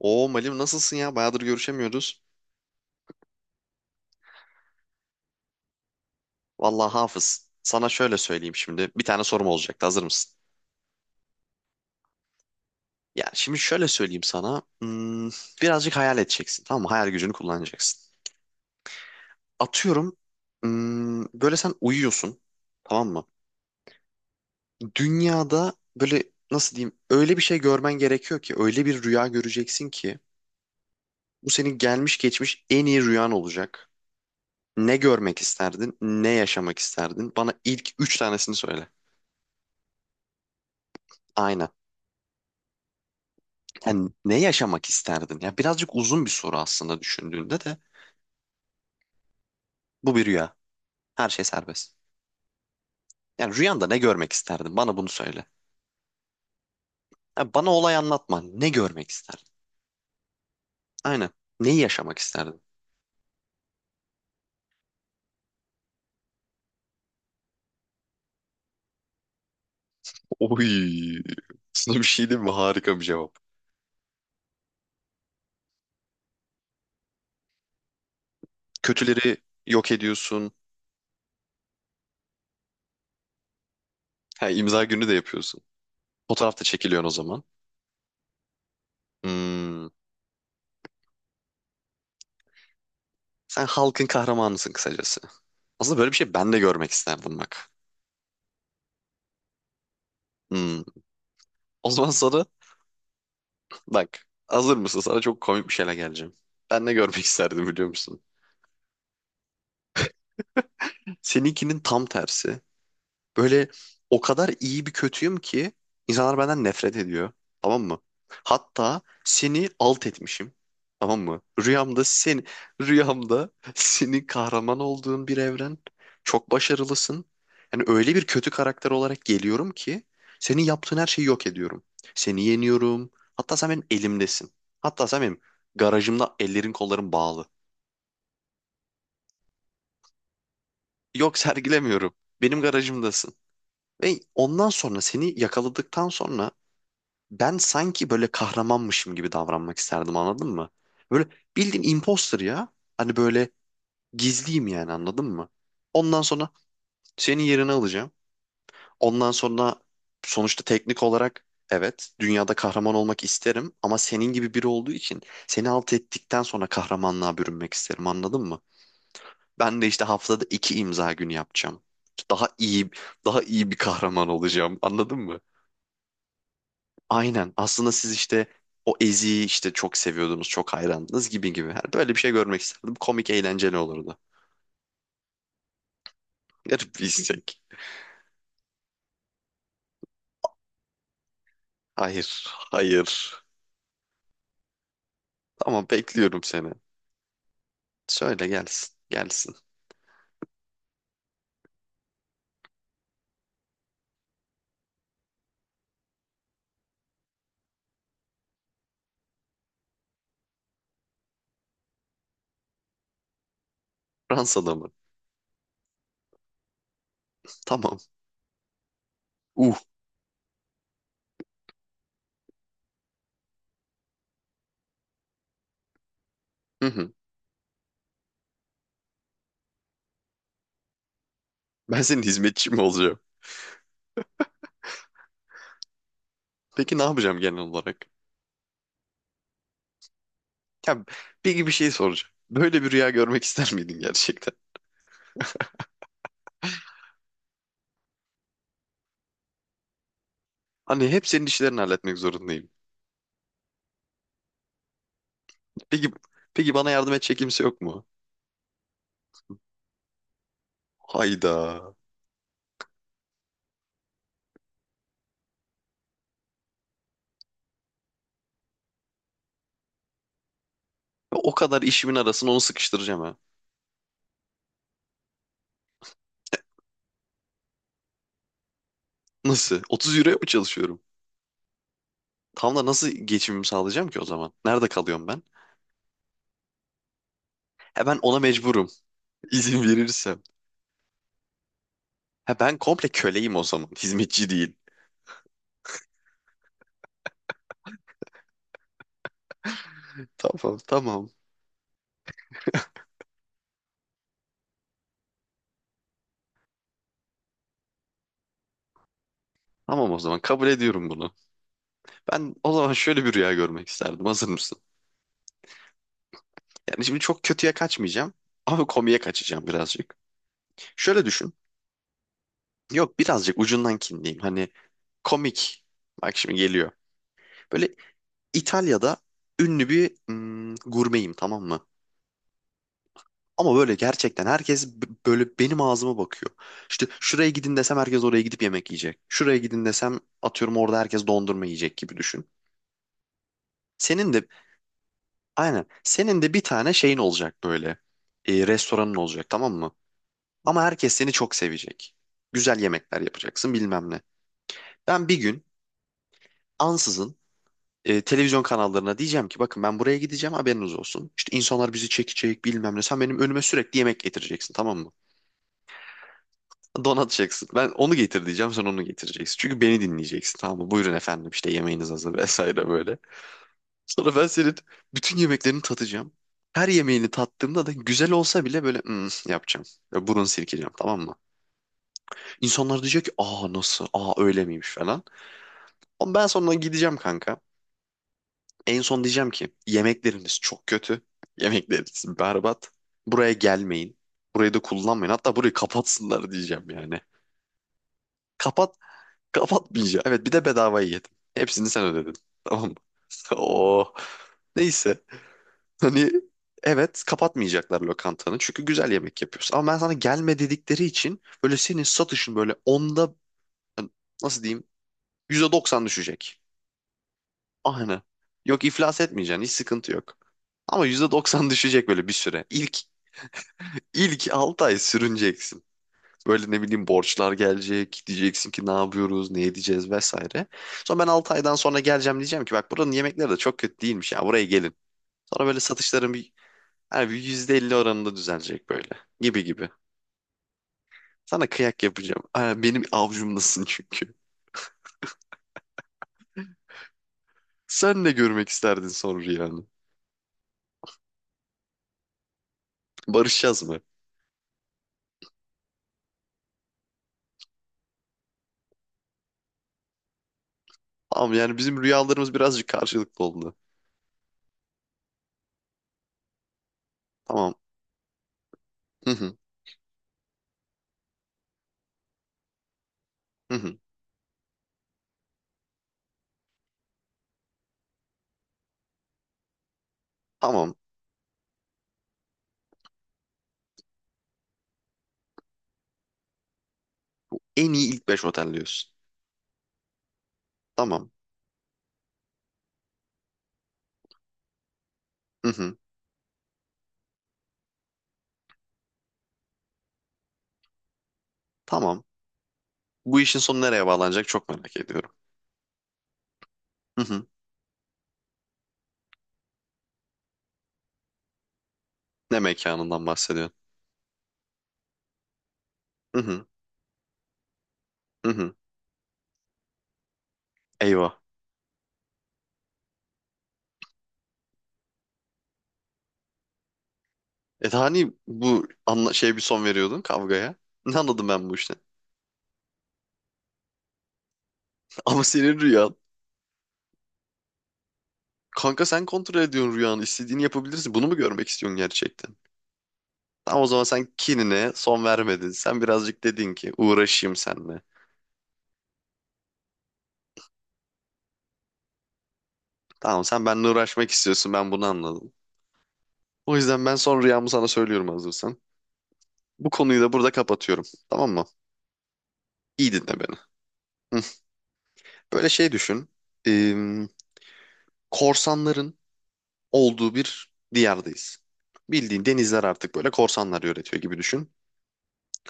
Oo Malim nasılsın ya? Bayağıdır görüşemiyoruz. Vallahi Hafız, sana şöyle söyleyeyim şimdi. Bir tane sorum olacaktı. Hazır mısın? Ya şimdi şöyle söyleyeyim sana. Birazcık hayal edeceksin. Tamam mı? Hayal gücünü kullanacaksın. Atıyorum. Böyle sen uyuyorsun. Tamam mı? Dünyada böyle nasıl diyeyim? Öyle bir şey görmen gerekiyor ki. Öyle bir rüya göreceksin ki. Bu senin gelmiş geçmiş en iyi rüyan olacak. Ne görmek isterdin? Ne yaşamak isterdin? Bana ilk üç tanesini söyle. Aynen. Yani ne yaşamak isterdin? Ya birazcık uzun bir soru aslında düşündüğünde de bu bir rüya. Her şey serbest. Yani rüyanda ne görmek isterdin? Bana bunu söyle. Ya bana olay anlatma. Ne görmek isterdin? Aynen. Neyi yaşamak isterdin? Oy. Sana bir şey diyeyim mi? Harika bir cevap. Kötüleri yok ediyorsun. Ha, imza günü de yapıyorsun. Fotoğraf da çekiliyorsun o zaman. Hmm. Sen halkın kahramanısın kısacası. Aslında böyle bir şey ben de görmek isterdim bak. Hmm. O zaman sana bak, hazır mısın? Sana çok komik bir şeyle geleceğim. Ben ne görmek isterdim biliyor musun? Seninkinin tam tersi. Böyle o kadar iyi bir kötüyüm ki insanlar benden nefret ediyor. Tamam mı? Hatta seni alt etmişim. Tamam mı? Rüyamda senin kahraman olduğun bir evren. Çok başarılısın. Yani öyle bir kötü karakter olarak geliyorum ki senin yaptığın her şeyi yok ediyorum. Seni yeniyorum. Hatta sen benim elimdesin. Hatta sen benim garajımda ellerin kolların bağlı. Yok sergilemiyorum. Benim garajımdasın. Ve ondan sonra seni yakaladıktan sonra ben sanki böyle kahramanmışım gibi davranmak isterdim, anladın mı? Böyle bildiğin imposter ya. Hani böyle gizliyim yani, anladın mı? Ondan sonra senin yerini alacağım. Ondan sonra sonuçta teknik olarak evet dünyada kahraman olmak isterim ama senin gibi biri olduğu için seni alt ettikten sonra kahramanlığa bürünmek isterim, anladın mı? Ben de işte haftada iki imza günü yapacağım. Daha iyi Daha iyi bir kahraman olacağım, anladın mı? Aynen. Aslında siz işte o Ezi'yi işte çok seviyordunuz, çok hayrandınız gibi gibi. Yani böyle bir şey görmek isterdim. Komik, eğlenceli olurdu. Garip bir istek. Hayır, hayır. Tamam, bekliyorum seni. Söyle gelsin, gelsin. Fransa'da mı? Tamam. Uh. Hı hı. Ben senin hizmetçim olacağım. Peki ne yapacağım genel olarak? Ya peki bir şey soracağım. Böyle bir rüya görmek ister miydin gerçekten? Hani hep senin işlerini halletmek zorundayım. Peki, peki bana yardım edecek kimse yok mu? Hayda. O kadar işimin arasına onu sıkıştıracağım ha. Nasıl? 30 euroya mı çalışıyorum? Tam da nasıl geçimimi sağlayacağım ki o zaman? Nerede kalıyorum ben? Ha ben ona mecburum. İzin verirsem. Ha ben komple köleyim o zaman. Hizmetçi değil. Tamam tamam. Tamam o zaman kabul ediyorum bunu. Ben o zaman şöyle bir rüya görmek isterdim. Hazır mısın? Yani şimdi çok kötüye kaçmayacağım. Ama komiye kaçacağım birazcık. Şöyle düşün. Yok birazcık ucundan kinliyim. Hani komik. Bak şimdi geliyor. Böyle İtalya'da ünlü bir gurmeyim, tamam mı? Ama böyle gerçekten herkes böyle benim ağzıma bakıyor. İşte şuraya gidin desem herkes oraya gidip yemek yiyecek. Şuraya gidin desem atıyorum orada herkes dondurma yiyecek gibi düşün. Senin de aynen senin de bir tane şeyin olacak böyle. Restoranın olacak, tamam mı? Ama herkes seni çok sevecek. Güzel yemekler yapacaksın, bilmem ne. Ben bir gün ansızın televizyon kanallarına diyeceğim ki bakın ben buraya gideceğim haberiniz olsun. İşte insanlar bizi çekecek, bilmem ne. Sen benim önüme sürekli yemek getireceksin, tamam mı? Donat donatacaksın. Ben onu getir diyeceğim sen onu getireceksin. Çünkü beni dinleyeceksin, tamam mı? Buyurun efendim işte yemeğiniz hazır vesaire böyle. Sonra ben senin bütün yemeklerini tatacağım. Her yemeğini tattığımda da güzel olsa bile böyle "Hmm," yapacağım. Böyle burun silkeceğim, tamam mı? İnsanlar diyecek ki aa nasıl, aa öyle miymiş falan. Ama ben sonra gideceğim kanka. En son diyeceğim ki yemekleriniz çok kötü. Yemekleriniz berbat. Buraya gelmeyin. Burayı da kullanmayın. Hatta burayı kapatsınlar diyeceğim yani. Kapat. Kapatmayacağım. Evet bir de bedavayı yedim. Hepsini sen ödedin. Tamam mı? Oo. Neyse. Hani evet kapatmayacaklar lokantanı. Çünkü güzel yemek yapıyorsun. Ama ben sana gelme dedikleri için böyle senin satışın böyle onda yani nasıl diyeyim %90 düşecek. Aynen. Yok iflas etmeyeceksin. Hiç sıkıntı yok. Ama %90 düşecek böyle bir süre. İlk 6 ay sürüneceksin. Böyle ne bileyim borçlar gelecek. Diyeceksin ki ne yapıyoruz, ne edeceğiz vesaire. Sonra ben 6 aydan sonra geleceğim diyeceğim ki bak buranın yemekleri de çok kötü değilmiş ya, buraya gelin. Sonra böyle satışların bir, yani bir %50 oranında düzelecek böyle gibi gibi. Sana kıyak yapacağım. Ha, benim avcumdasın çünkü. Sen de görmek isterdin son rüyanı. Barışacağız mı? Tamam yani bizim rüyalarımız birazcık karşılıklı oldu. Tamam. Hı hı. Hı hı. Tamam. En iyi ilk 5 otel diyorsun. Tamam. Hı hı. Tamam. Bu işin sonu nereye bağlanacak çok merak ediyorum. Hı hı. Ne mekanından bahsediyorsun? Hı hı. Hı hı. Eyvah. E hani bu anla şey bir son veriyordun kavgaya. Ne anladım ben bu işten? Ama senin rüyan. Kanka sen kontrol ediyorsun rüyanı. İstediğini yapabilirsin. Bunu mu görmek istiyorsun gerçekten? Tamam o zaman sen kinine son vermedin. Sen birazcık dedin ki uğraşayım seninle. Tamam sen benimle uğraşmak istiyorsun. Ben bunu anladım. O yüzden ben son rüyamı sana söylüyorum hazırsan. Bu konuyu da burada kapatıyorum. Tamam mı? İyi dinle beni. Hı. Böyle şey düşün. Ee, Korsanların olduğu bir diyardayız. Bildiğin denizler artık böyle korsanlar yönetiyor gibi düşün.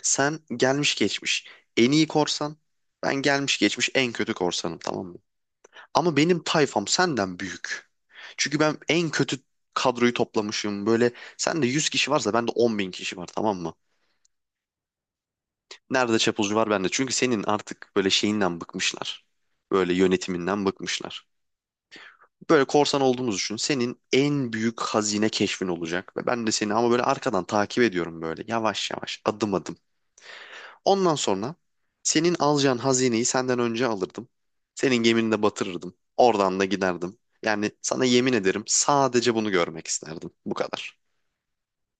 Sen gelmiş geçmiş en iyi korsan, ben gelmiş geçmiş en kötü korsanım, tamam mı? Ama benim tayfam senden büyük. Çünkü ben en kötü kadroyu toplamışım. Böyle sende 100 kişi varsa bende 10.000 kişi var, tamam mı? Nerede çapulcu var bende. Çünkü senin artık böyle şeyinden bıkmışlar. Böyle yönetiminden bıkmışlar. Böyle korsan olduğumuzu düşün. Senin en büyük hazine keşfin olacak. Ve ben de seni ama böyle arkadan takip ediyorum böyle yavaş yavaş adım adım. Ondan sonra senin alacağın hazineyi senden önce alırdım. Senin gemini de batırırdım. Oradan da giderdim. Yani sana yemin ederim sadece bunu görmek isterdim. Bu kadar.